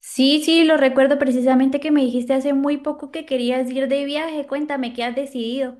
Sí, sí, lo recuerdo precisamente que me dijiste hace muy poco que querías ir de viaje. Cuéntame, ¿qué has decidido?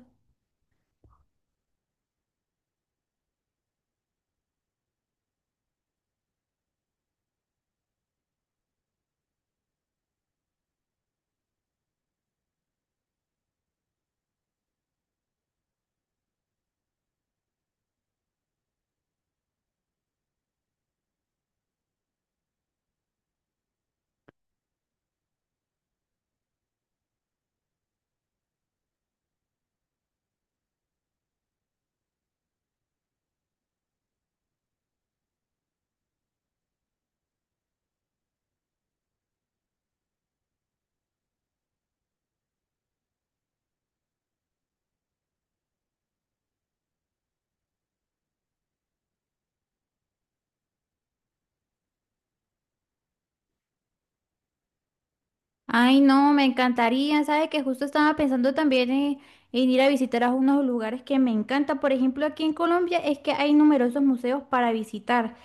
Ay, no, me encantaría. Sabes que justo estaba pensando también en ir a visitar a unos lugares que me encantan. Por ejemplo, aquí en Colombia es que hay numerosos museos para visitar.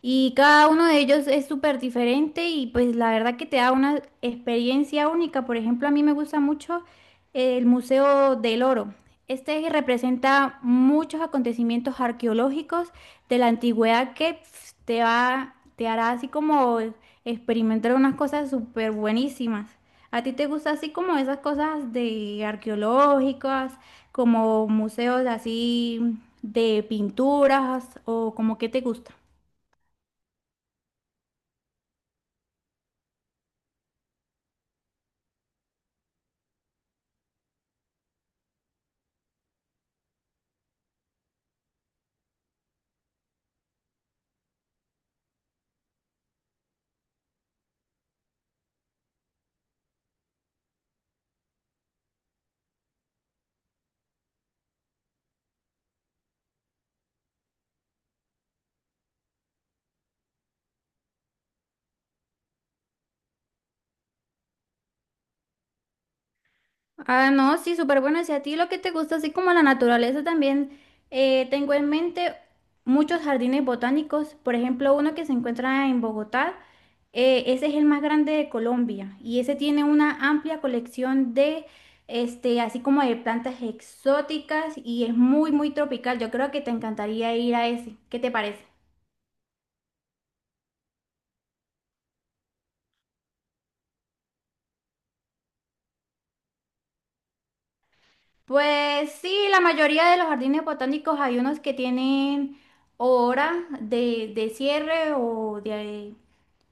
Y cada uno de ellos es súper diferente y pues la verdad que te da una experiencia única. Por ejemplo, a mí me gusta mucho el Museo del Oro. Este representa muchos acontecimientos arqueológicos de la antigüedad que te va, te hará así como experimentar unas cosas súper buenísimas. ¿A ti te gusta así como esas cosas de arqueológicas, como museos así de pinturas o como qué te gusta? Ah, no, sí, súper bueno. Y si a ti lo que te gusta, así como la naturaleza también, tengo en mente muchos jardines botánicos. Por ejemplo, uno que se encuentra en Bogotá, ese es el más grande de Colombia y ese tiene una amplia colección de, así como de plantas exóticas y es muy, muy tropical. Yo creo que te encantaría ir a ese. ¿Qué te parece? Pues sí, la mayoría de los jardines botánicos hay unos que tienen hora de cierre o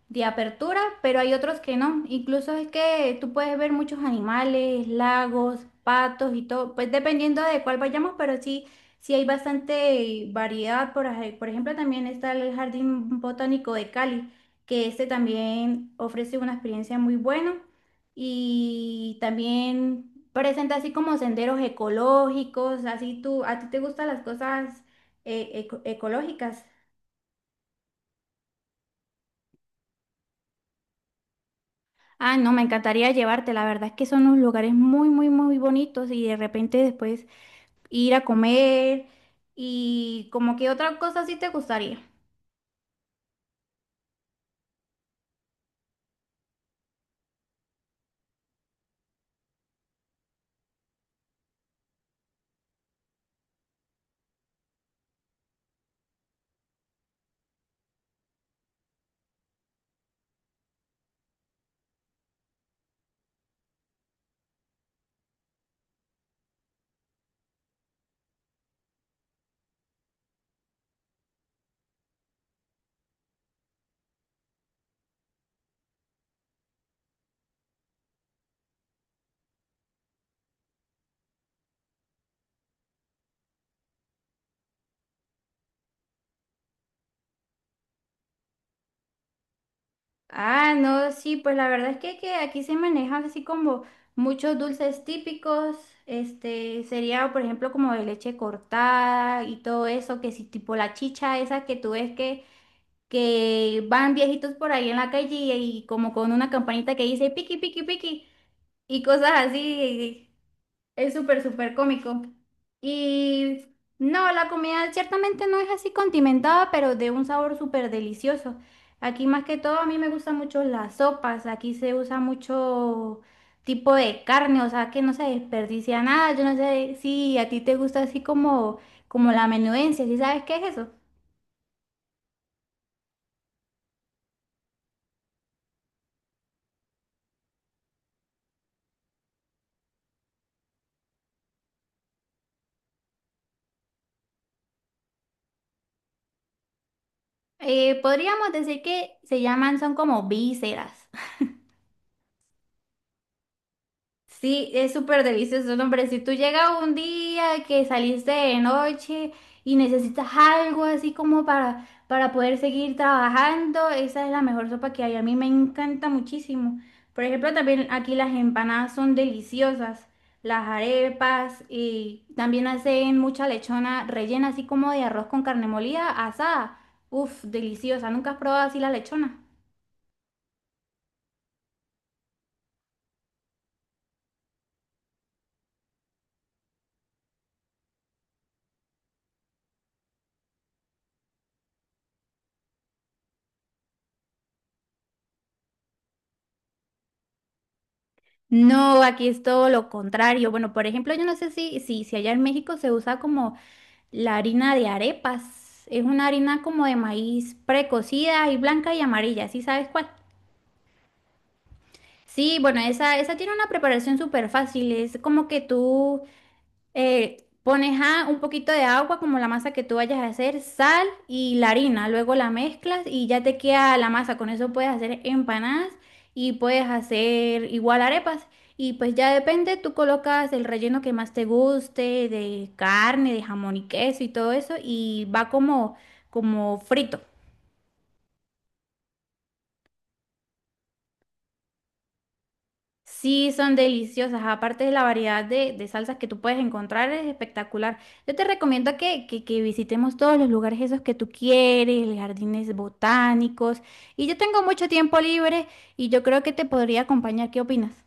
de apertura, pero hay otros que no. Incluso es que tú puedes ver muchos animales, lagos, patos y todo, pues dependiendo de cuál vayamos, pero sí, sí hay bastante variedad. Por ejemplo, también está el Jardín Botánico de Cali, que este también ofrece una experiencia muy buena y también presenta así como senderos ecológicos, así tú, a ti te gustan las cosas ecológicas. Ah, no, me encantaría llevarte. La verdad es que son unos lugares muy, muy, muy bonitos y de repente después ir a comer y como que otra cosa sí te gustaría. Ah, no, sí, pues la verdad es que aquí se manejan así como muchos dulces típicos. Este sería, por ejemplo, como de leche cortada y todo eso, que si tipo la chicha esa que tú ves que van viejitos por ahí en la calle y como con una campanita que dice piqui, piqui, piqui y cosas así. Es súper, súper cómico. Y no, la comida ciertamente no es así condimentada, pero de un sabor súper delicioso. Aquí más que todo a mí me gustan mucho las sopas. Aquí se usa mucho tipo de carne, o sea que no se desperdicia nada. Yo no sé si a ti te gusta así como, como la menudencia, ¿sí sabes qué es eso? Podríamos decir que se llaman, son como vísceras. Sí, es súper delicioso, no, hombre. Si tú llegas un día que saliste de noche y necesitas algo así como para poder seguir trabajando, esa es la mejor sopa que hay. A mí me encanta muchísimo. Por ejemplo, también aquí las empanadas son deliciosas, las arepas y también hacen mucha lechona rellena así como de arroz con carne molida asada. Uf, deliciosa. ¿Nunca has probado así la lechona? No, aquí es todo lo contrario. Bueno, por ejemplo, yo no sé si allá en México se usa como la harina de arepas. Es una harina como de maíz precocida y blanca y amarilla, ¿sí sabes cuál? Sí, bueno, esa tiene una preparación súper fácil. Es como que tú pones a un poquito de agua, como la masa que tú vayas a hacer, sal y la harina. Luego la mezclas y ya te queda la masa. Con eso puedes hacer empanadas y puedes hacer igual arepas. Y pues ya depende, tú colocas el relleno que más te guste, de carne, de jamón y queso y todo eso, y va como, como frito. Sí, son deliciosas. Aparte de la variedad de salsas que tú puedes encontrar, es espectacular. Yo te recomiendo que visitemos todos los lugares esos que tú quieres, los jardines botánicos. Y yo tengo mucho tiempo libre y yo creo que te podría acompañar. ¿Qué opinas?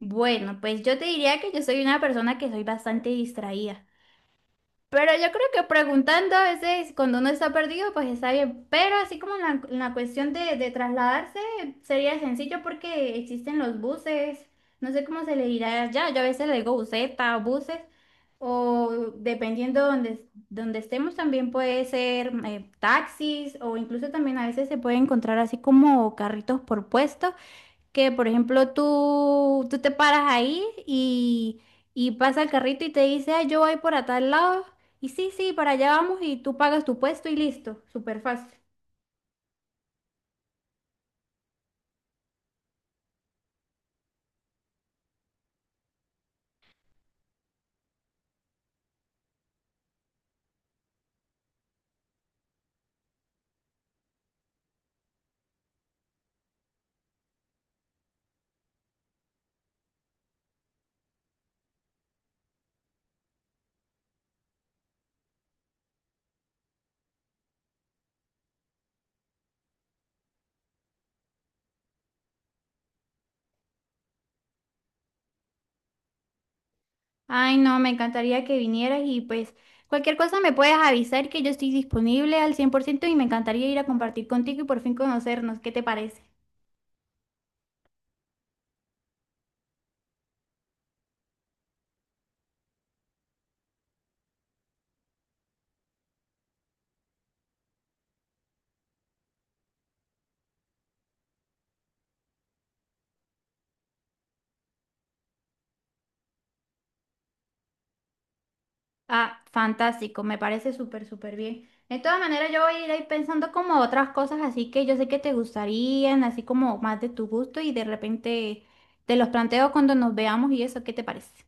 Bueno, pues yo te diría que yo soy una persona que soy bastante distraída. Pero yo creo que preguntando a veces cuando uno está perdido, pues está bien. Pero así como en la cuestión de trasladarse, sería sencillo porque existen los buses. No sé cómo se le dirá allá. Yo a veces le digo buseta o buses. O dependiendo donde, donde estemos, también puede ser taxis o incluso también a veces se puede encontrar así como carritos por puestos que, por ejemplo, tú te paras ahí y pasa el carrito y te dice, "Ay, yo voy para tal lado. Y sí, sí, para allá vamos y tú pagas tu puesto y listo, súper fácil." Ay, no, me encantaría que vinieras y pues cualquier cosa me puedes avisar que yo estoy disponible al 100% y me encantaría ir a compartir contigo y por fin conocernos. ¿Qué te parece? Ah, fantástico, me parece súper, súper bien. De todas maneras, yo voy a ir ahí pensando como otras cosas así que yo sé que te gustarían, así como más de tu gusto y de repente te los planteo cuando nos veamos y eso, ¿qué te parece?